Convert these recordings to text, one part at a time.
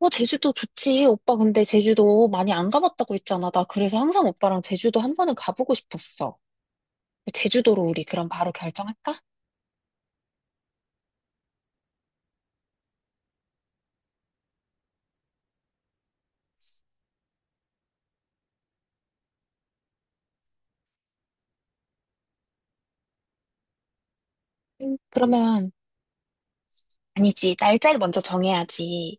어, 제주도 좋지. 오빠 근데 제주도 많이 안 가봤다고 했잖아. 나 그래서 항상 오빠랑 제주도 한 번은 가보고 싶었어. 제주도로 우리 그럼 바로 결정할까? 그러면 아니지. 날짜를 먼저 정해야지.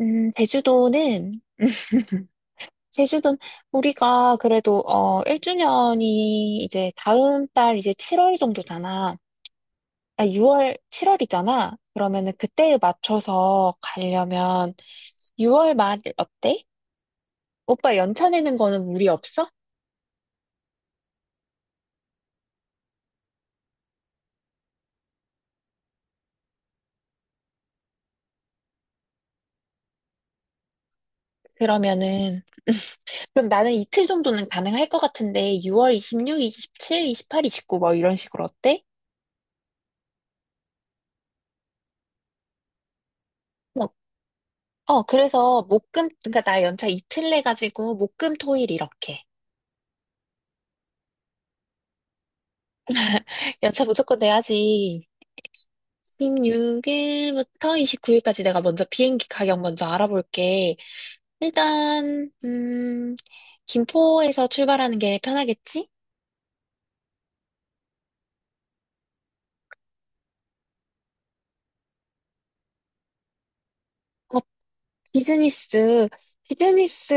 음, 제주도는 제주도는 우리가 그래도 1주년이 이제 다음 달 이제 7월 정도잖아. 6월 7월이잖아. 그러면은 그때에 맞춰서 가려면 6월 말 어때? 오빠 연차 내는 거는 무리 없어? 그러면은 그럼 나는 이틀 정도는 가능할 것 같은데 6월 26, 27, 28, 29 뭐 이런 식으로 어때? 뭐, 그래서 목금 그러니까 나 연차 이틀 내 가지고 목금 토일 이렇게 연차 무조건 내야지. 2 6일부터 29일까지 내가 먼저 비행기 가격 먼저 알아볼게. 일단 김포에서 출발하는 게 편하겠지? 비즈니스, 비즈니스,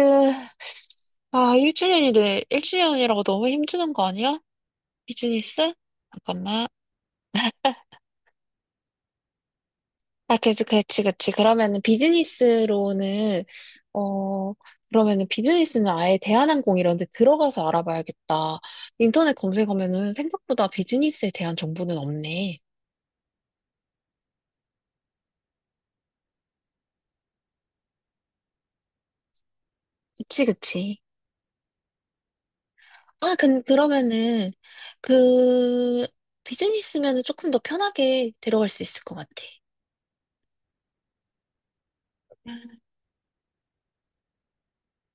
아, 1주년이래 1주년이라고 너무 힘주는 거 아니야? 비즈니스? 잠깐만. 아, 그치, 그렇지 그렇지 그러면은 비즈니스로는, 어, 그러면은 비즈니스는 아예 대한항공 이런 데 들어가서 알아봐야겠다. 인터넷 검색하면은 생각보다 비즈니스에 대한 정보는 없네. 그치, 그치. 그러면은, 그, 비즈니스면은 조금 더 편하게 데려갈 수 있을 것 같아.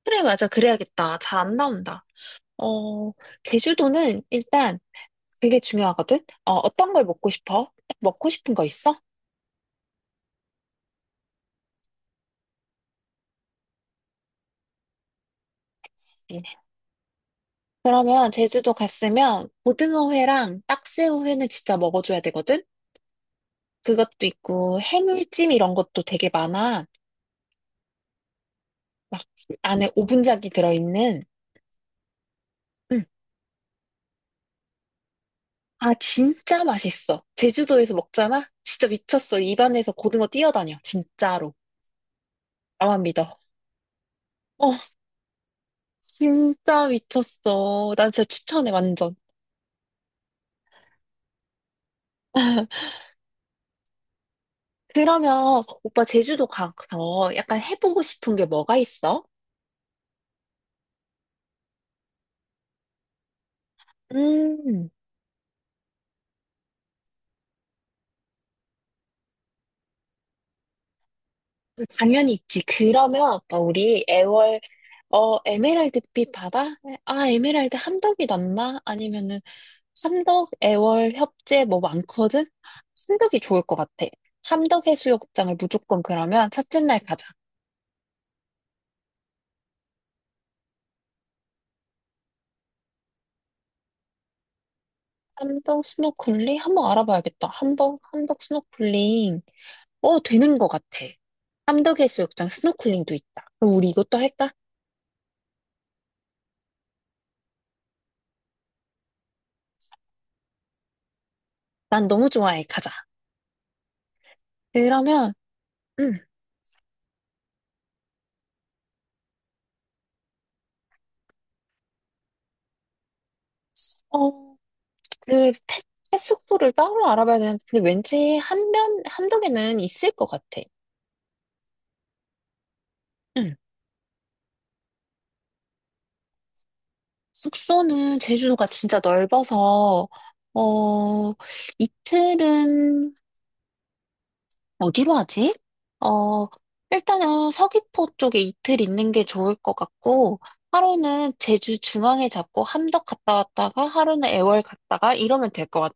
그래, 맞아. 그래야겠다. 잘 안 나온다. 어, 제주도는 일단 그게 중요하거든? 어떤 걸 먹고 싶어? 딱 먹고 싶은 거 있어? 네. 그러면 제주도 갔으면 고등어회랑 딱새우회는 진짜 먹어줘야 되거든? 그것도 있고 해물찜 이런 것도 되게 많아. 막 안에 오분작이 들어있는. 응. 아, 진짜 맛있어. 제주도에서 먹잖아? 진짜 미쳤어. 입안에서 고등어 뛰어다녀. 진짜로. 나만 믿어. 어, 진짜 미쳤어. 난 진짜 추천해, 완전. 그러면 오빠 제주도 가서 약간 해보고 싶은 게 뭐가 있어? 음, 당연히 있지. 그러면 오빠 우리 애월 에메랄드빛 바다? 에메랄드 함덕이 낫나? 아니면은 함덕 애월 협재 뭐 많거든? 함덕이 좋을 것 같아. 함덕 해수욕장을 무조건 그러면 첫째 날 가자. 함덕 스노클링 한번 알아봐야겠다. 함덕 스노클링. 되는 것 같아. 함덕해수욕장 스노클링도 있다. 그럼 우리 이것도 할까? 난 너무 좋아해. 가자. 그러면, 응. 어, 그, 펫, 펫 숙소를 따로 알아봐야 되는데, 근데 왠지 함덕에는 있을 것 같아. 응. 숙소는 제주도가 진짜 넓어서, 어, 이틀은 어디로 하지? 어, 일단은 서귀포 쪽에 이틀 있는 게 좋을 것 같고, 하루는 제주 중앙에 잡고 함덕 갔다 왔다가, 하루는 애월 갔다가 이러면 될 것 같아.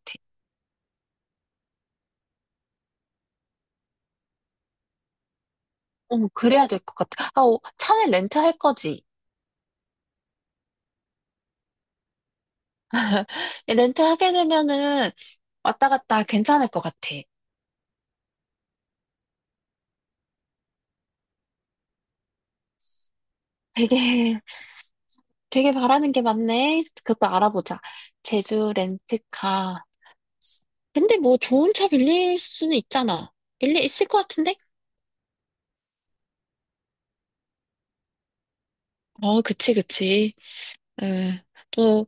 응, 그래야 될 것 같아. 차는 렌트할 거지? 렌트하게 되면은 왔다 갔다 괜찮을 것 같아. 되게, 되게 바라는 게 많네. 그것도 알아보자. 제주 렌트카. 근데 뭐 좋은 차 빌릴 수는 있잖아. 빌릴 있을 것 같은데? 그치, 그치. 네. 또,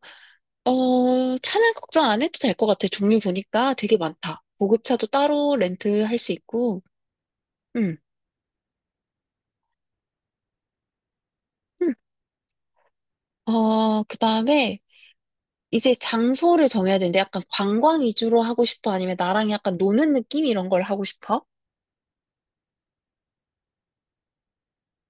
차는 걱정 안 해도 될 것 같아. 종류 보니까 되게 많다. 고급차도 따로 렌트할 수 있고, 음. 음. 그 다음에 이제 장소를 정해야 되는데 약간 관광 위주로 하고 싶어? 아니면 나랑 약간 노는 느낌 이런 걸 하고 싶어?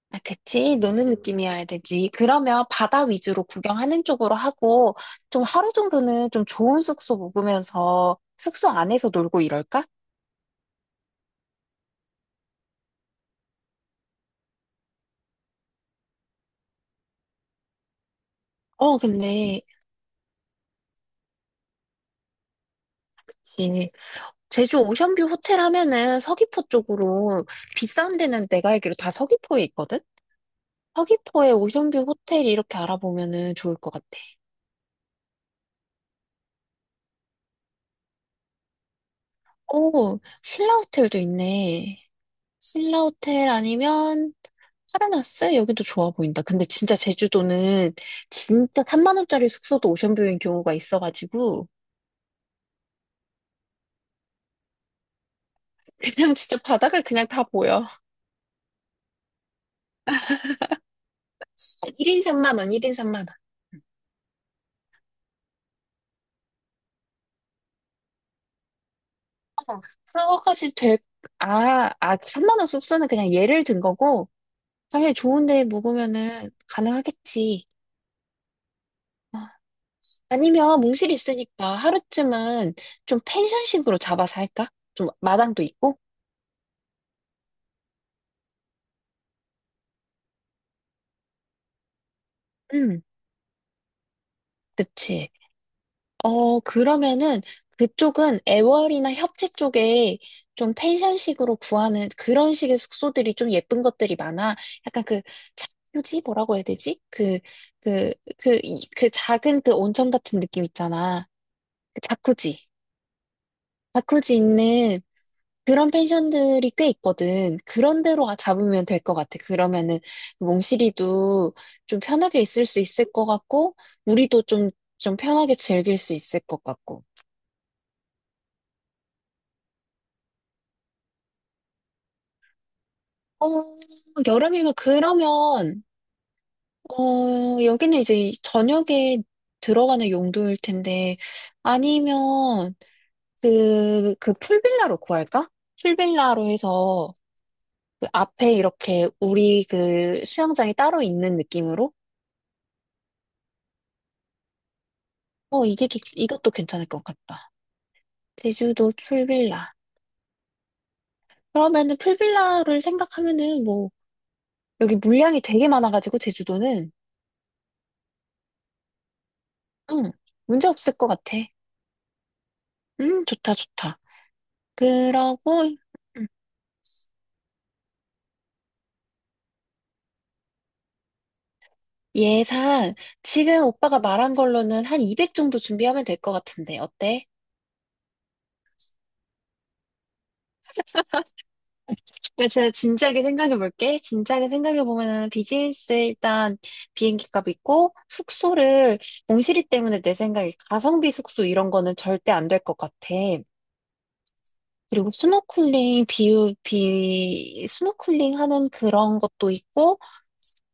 아, 그치. 노는 느낌이어야 되지. 그러면 바다 위주로 구경하는 쪽으로 하고, 좀 하루 정도는 좀 좋은 숙소 묵으면서 숙소 안에서 놀고 이럴까? 어, 근데, 그치. 제주 오션뷰 호텔 하면은 서귀포 쪽으로 비싼 데는 내가 알기로 다 서귀포에 있거든? 서귀포에 오션뷰 호텔 이렇게 알아보면은 좋을 것 같아. 오, 신라 호텔도 있네. 신라 호텔 아니면 파라나스? 여기도 좋아 보인다. 근데 진짜 제주도는 진짜 3만 원짜리 숙소도 오션뷰인 경우가 있어가지고 그냥 진짜 바닥을 그냥 다 보여. 1인 3만 원, 1인 3만 원. 아, 그거까지 될, 아, 아, 3만 원 숙소는 그냥 예를 든 거고, 당연히 좋은 데 묵으면은 가능하겠지. 아, 아니면 몽실이 있으니까 하루쯤은 좀 펜션식으로 잡아서 할까? 좀 마당도 있고? 응, 그치. 그러면은 그쪽은 애월이나 협재 쪽에 좀 펜션식으로 구하는 그런 식의 숙소들이 좀 예쁜 것들이 많아. 약간 그 자유지 뭐라고 해야 되지? 그, 그 작은 그 온천 같은 느낌 있잖아. 그 자쿠지. 자쿠지 있는 그런 펜션들이 꽤 있거든. 그런 데로 잡으면 될 것 같아. 그러면은 몽실이도 좀 편하게 있을 수 있을 것 같고, 우리도 좀 편하게 즐길 수 있을 것 같고. 어, 여름이면 그러면 여기는 이제 저녁에 들어가는 용도일 텐데 아니면 그 풀빌라로 구할까? 풀빌라로 해서 그 앞에 이렇게 우리 그 수영장이 따로 있는 느낌으로 이것도 괜찮을 것 같다. 제주도 풀빌라. 그러면은 풀빌라를 생각하면은 뭐 여기 물량이 되게 많아가지고 제주도는 응, 문제 없을 것 같아. 좋다, 좋다. 그러고 예산 지금 오빠가 말한 걸로는 한 200 정도 준비하면 될 것 같은데 어때? 나 진짜 진지하게 생각해 볼게. 진지하게 생각해 보면은 비즈니스 일단 비행기 값 있고 숙소를 몽실이 때문에 내 생각에 가성비 숙소 이런 거는 절대 안 될 것 같아. 그리고 스노클링 비유 비 스노클링 하는 그런 것도 있고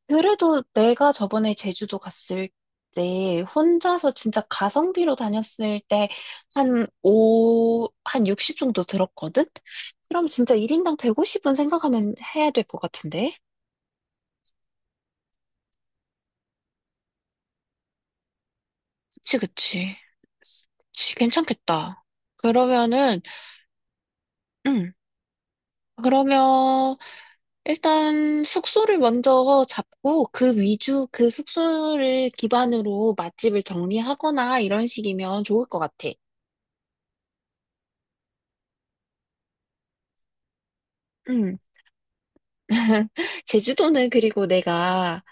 그래도 내가 저번에 제주도 갔을 때 혼자서 진짜 가성비로 다녔을 때 한 오한60 정도 들었거든? 그럼 진짜 1인당 150은 생각하면 해야 될 것 같은데? 그치, 그치. 그치, 괜찮겠다. 그러면은, 음, 그러면 일단 숙소를 먼저 잡고 그 위주, 그 숙소를 기반으로 맛집을 정리하거나 이런 식이면 좋을 것 같아. 음. 제주도는 그리고 내가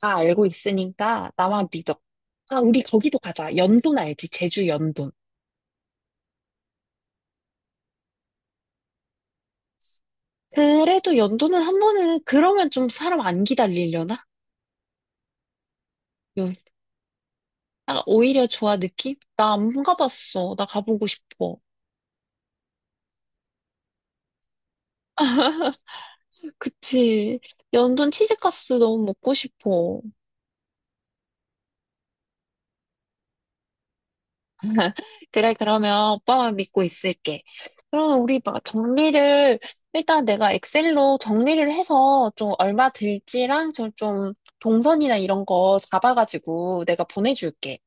다 알고 있으니까 나만 믿어. 아, 우리 거기도 가자. 연돈 알지? 제주 연돈. 그래도 연돈은 한 번은 그러면 좀 사람 안 기다리려나? 요- 아, 오히려 좋아 느낌? 나 안 가봤어. 나 가보고 싶어. 그치. 연돈 치즈가스 너무 먹고 싶어. 그래, 그러면 오빠만 믿고 있을게. 그럼 우리 막 정리를, 일단 내가 엑셀로 정리를 해서 좀 얼마 들지랑 좀 동선이나 이런 거 잡아가지고 내가 보내줄게.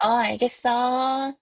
아 알겠어.